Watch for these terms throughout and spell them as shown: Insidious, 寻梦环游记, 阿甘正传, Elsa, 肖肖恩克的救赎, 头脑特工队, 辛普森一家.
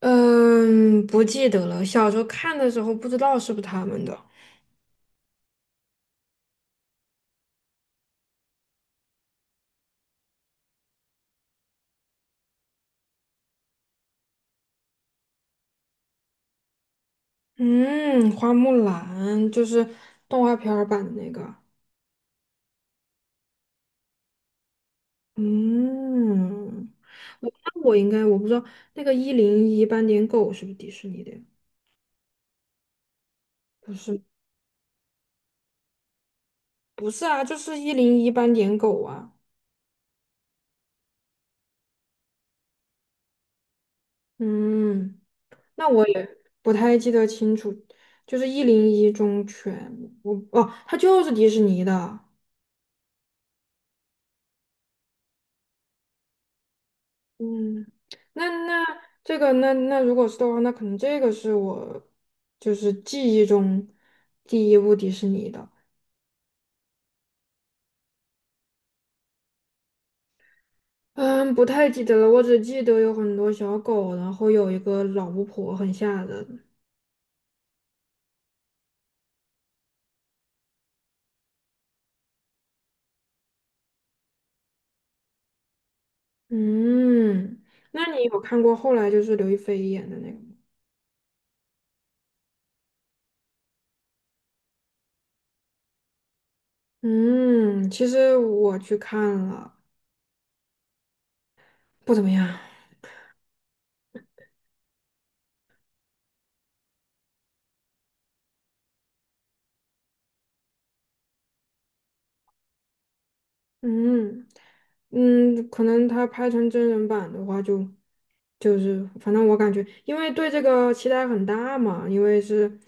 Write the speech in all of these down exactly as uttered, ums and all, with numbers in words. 嗯，不记得了。小时候看的时候不知道是不是他们的。嗯，花木兰就是动画片儿版的那个。嗯，我那我应该我不知道那个一零一斑点狗是不是迪士尼的呀？不是，不是啊，就是一零一斑点狗啊。嗯，那我也不太记得清楚，就是一零一忠犬，我哦，它就是迪士尼的。嗯，那那这个那那如果是的话，那可能这个是我就是记忆中第一部迪士尼的。嗯，不太记得了，我只记得有很多小狗，然后有一个老巫婆，很吓人。嗯，那你有看过后来就是刘亦菲演的那个吗？嗯，其实我去看了，不怎么样。嗯嗯，可能他拍成真人版的话就就是反正我感觉，因为对这个期待很大嘛，因为是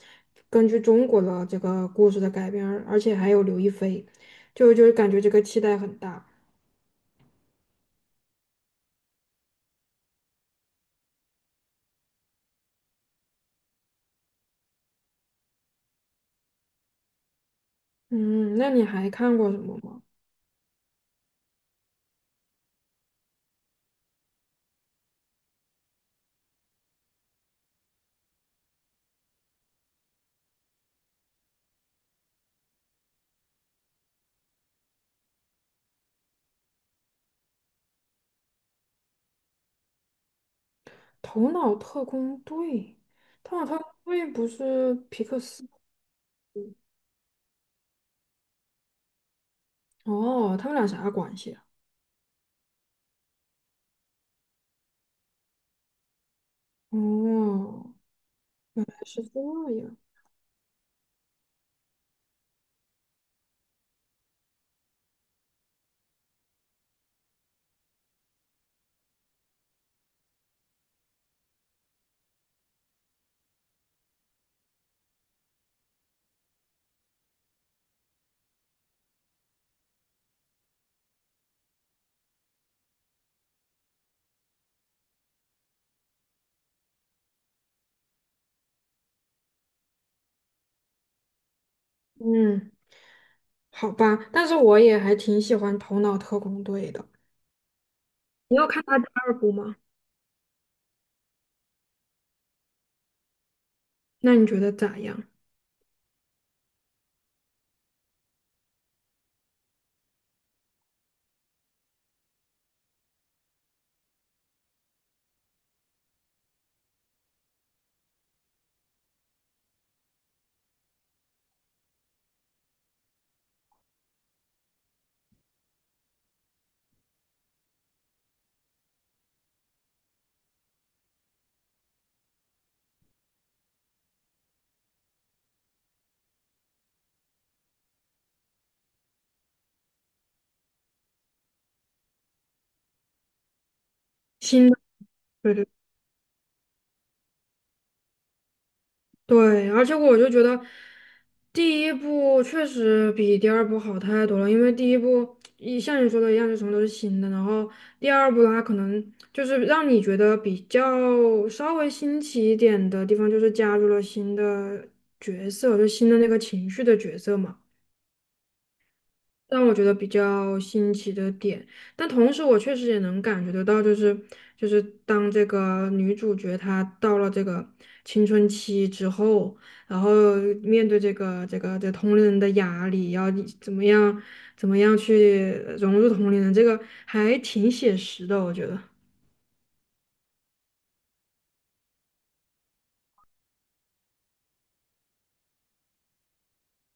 根据中国的这个故事的改编，而而且还有刘亦菲，就就是感觉这个期待很大。嗯，那你还看过什么吗？《头脑特工队》，《头脑特工队》不是皮克斯？哦，他们俩啥关系啊？哦，是这样。嗯，好吧，但是我也还挺喜欢《头脑特工队》的。你有看他第二部吗？那你觉得咋样？新的？对对对，而且我就觉得第一部确实比第二部好太多了，因为第一部一像你说的一样，就什么都是新的，然后第二部它可能就是让你觉得比较稍微新奇一点的地方，就是加入了新的角色，就新的那个情绪的角色嘛。让我觉得比较新奇的点，但同时我确实也能感觉得到，就是就是当这个女主角她到了这个青春期之后，然后面对这个这个这同龄人的压力，要你怎么样怎么样去融入同龄人，这个还挺写实的，我觉得。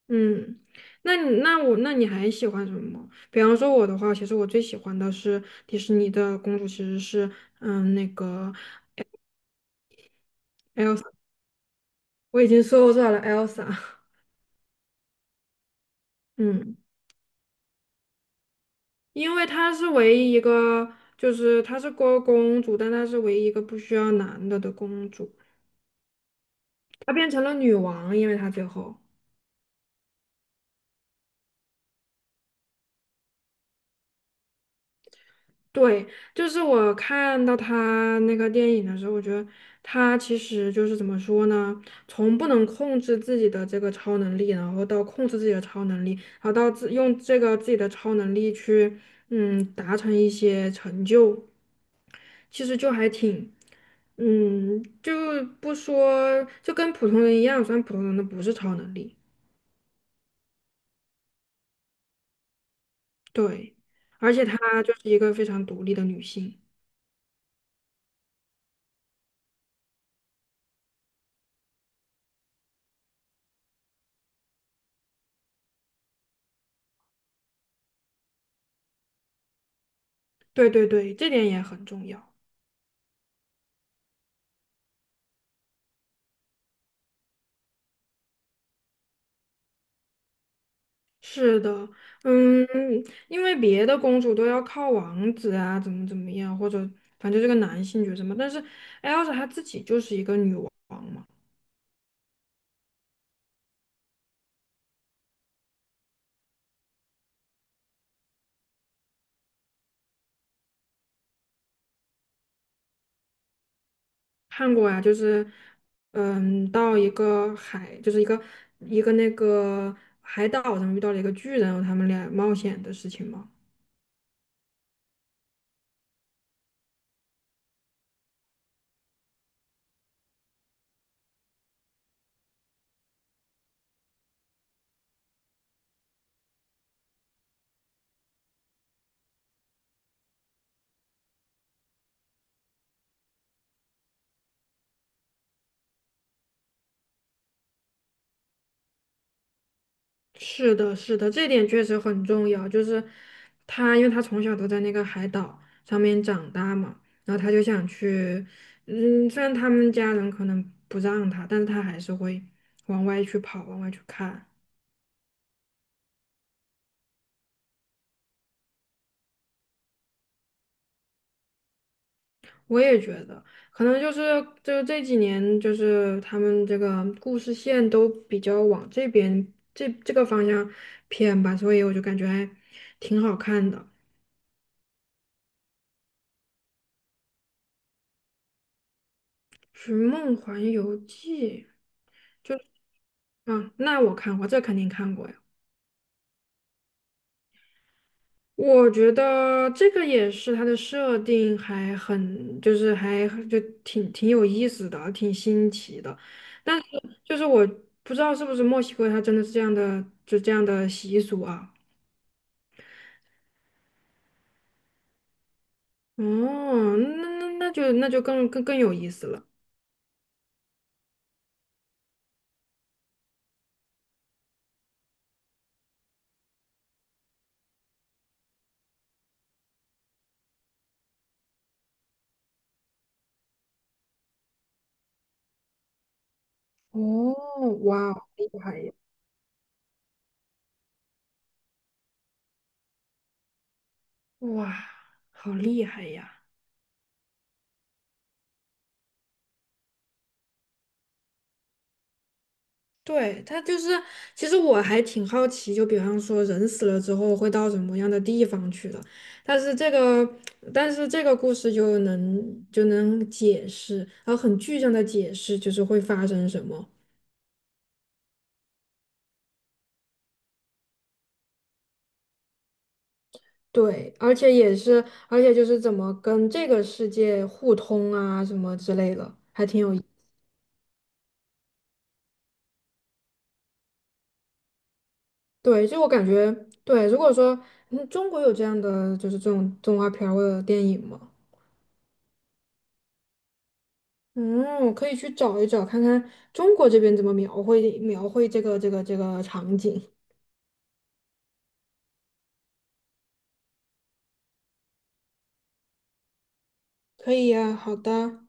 嗯，那你那我那你还喜欢什么？比方说我的话，其实我最喜欢的是迪士尼的公主，其实是嗯那个。我已经搜到了 Elsa,嗯，因为她是唯一一个，就是她是个公主，但她是唯一一个不需要男的的公主，她变成了女王，因为她最后，对，就是我看到她那个电影的时候，我觉得她其实就是怎么说呢，从不能控制自己的这个超能力，然后到控制自己的超能力，然后到自用这个自己的超能力去，嗯，达成一些成就。其实就还挺，嗯，就不说，就跟普通人一样，虽然普通人的不是超能力，对，而且她就是一个非常独立的女性，对对对，这点也很重要。是的，嗯，因为别的公主都要靠王子啊，怎么怎么样，或者反正这个男性角色嘛，但是艾 l s 她自己就是一个女王。嘛。看过呀，就是，嗯，到一个海，就是一个一个那个海岛上遇到了一个巨人，他们俩冒险的事情嘛。是的，是的，这点确实很重要。就是他，因为他从小都在那个海岛上面长大嘛，然后他就想去，嗯，虽然他们家人可能不让他，但是他还是会往外去跑，往外去看。我也觉得，可能就是就这几年，就是他们这个故事线都比较往这边这这个方向偏吧，所以我就感觉还挺好看的，寻梦环游记》就。啊，那我看过，这肯定看过呀。我觉得这个也是它的设定还很，就是还就挺挺有意思的，挺新奇的。但是就是我不知道是不是墨西哥它真的是这样的，就这样的习俗啊。哦，那那那就那就更更更有意思了。哦，哇，厉害呀！哇，好厉害呀！对，他就是，其实我还挺好奇，就比方说人死了之后会到什么样的地方去的，但是这个，但是这个故事就能就能解释，然后很具象的解释就是会发生什么。对，而且也是，而且就是怎么跟这个世界互通啊，什么之类的，还挺有意。对，就我感觉，对，如果说，嗯，中国有这样的就是这种动画片儿或者电影吗？嗯，我可以去找一找，看看中国这边怎么描绘描绘这个这个这个场景。可以呀，好的。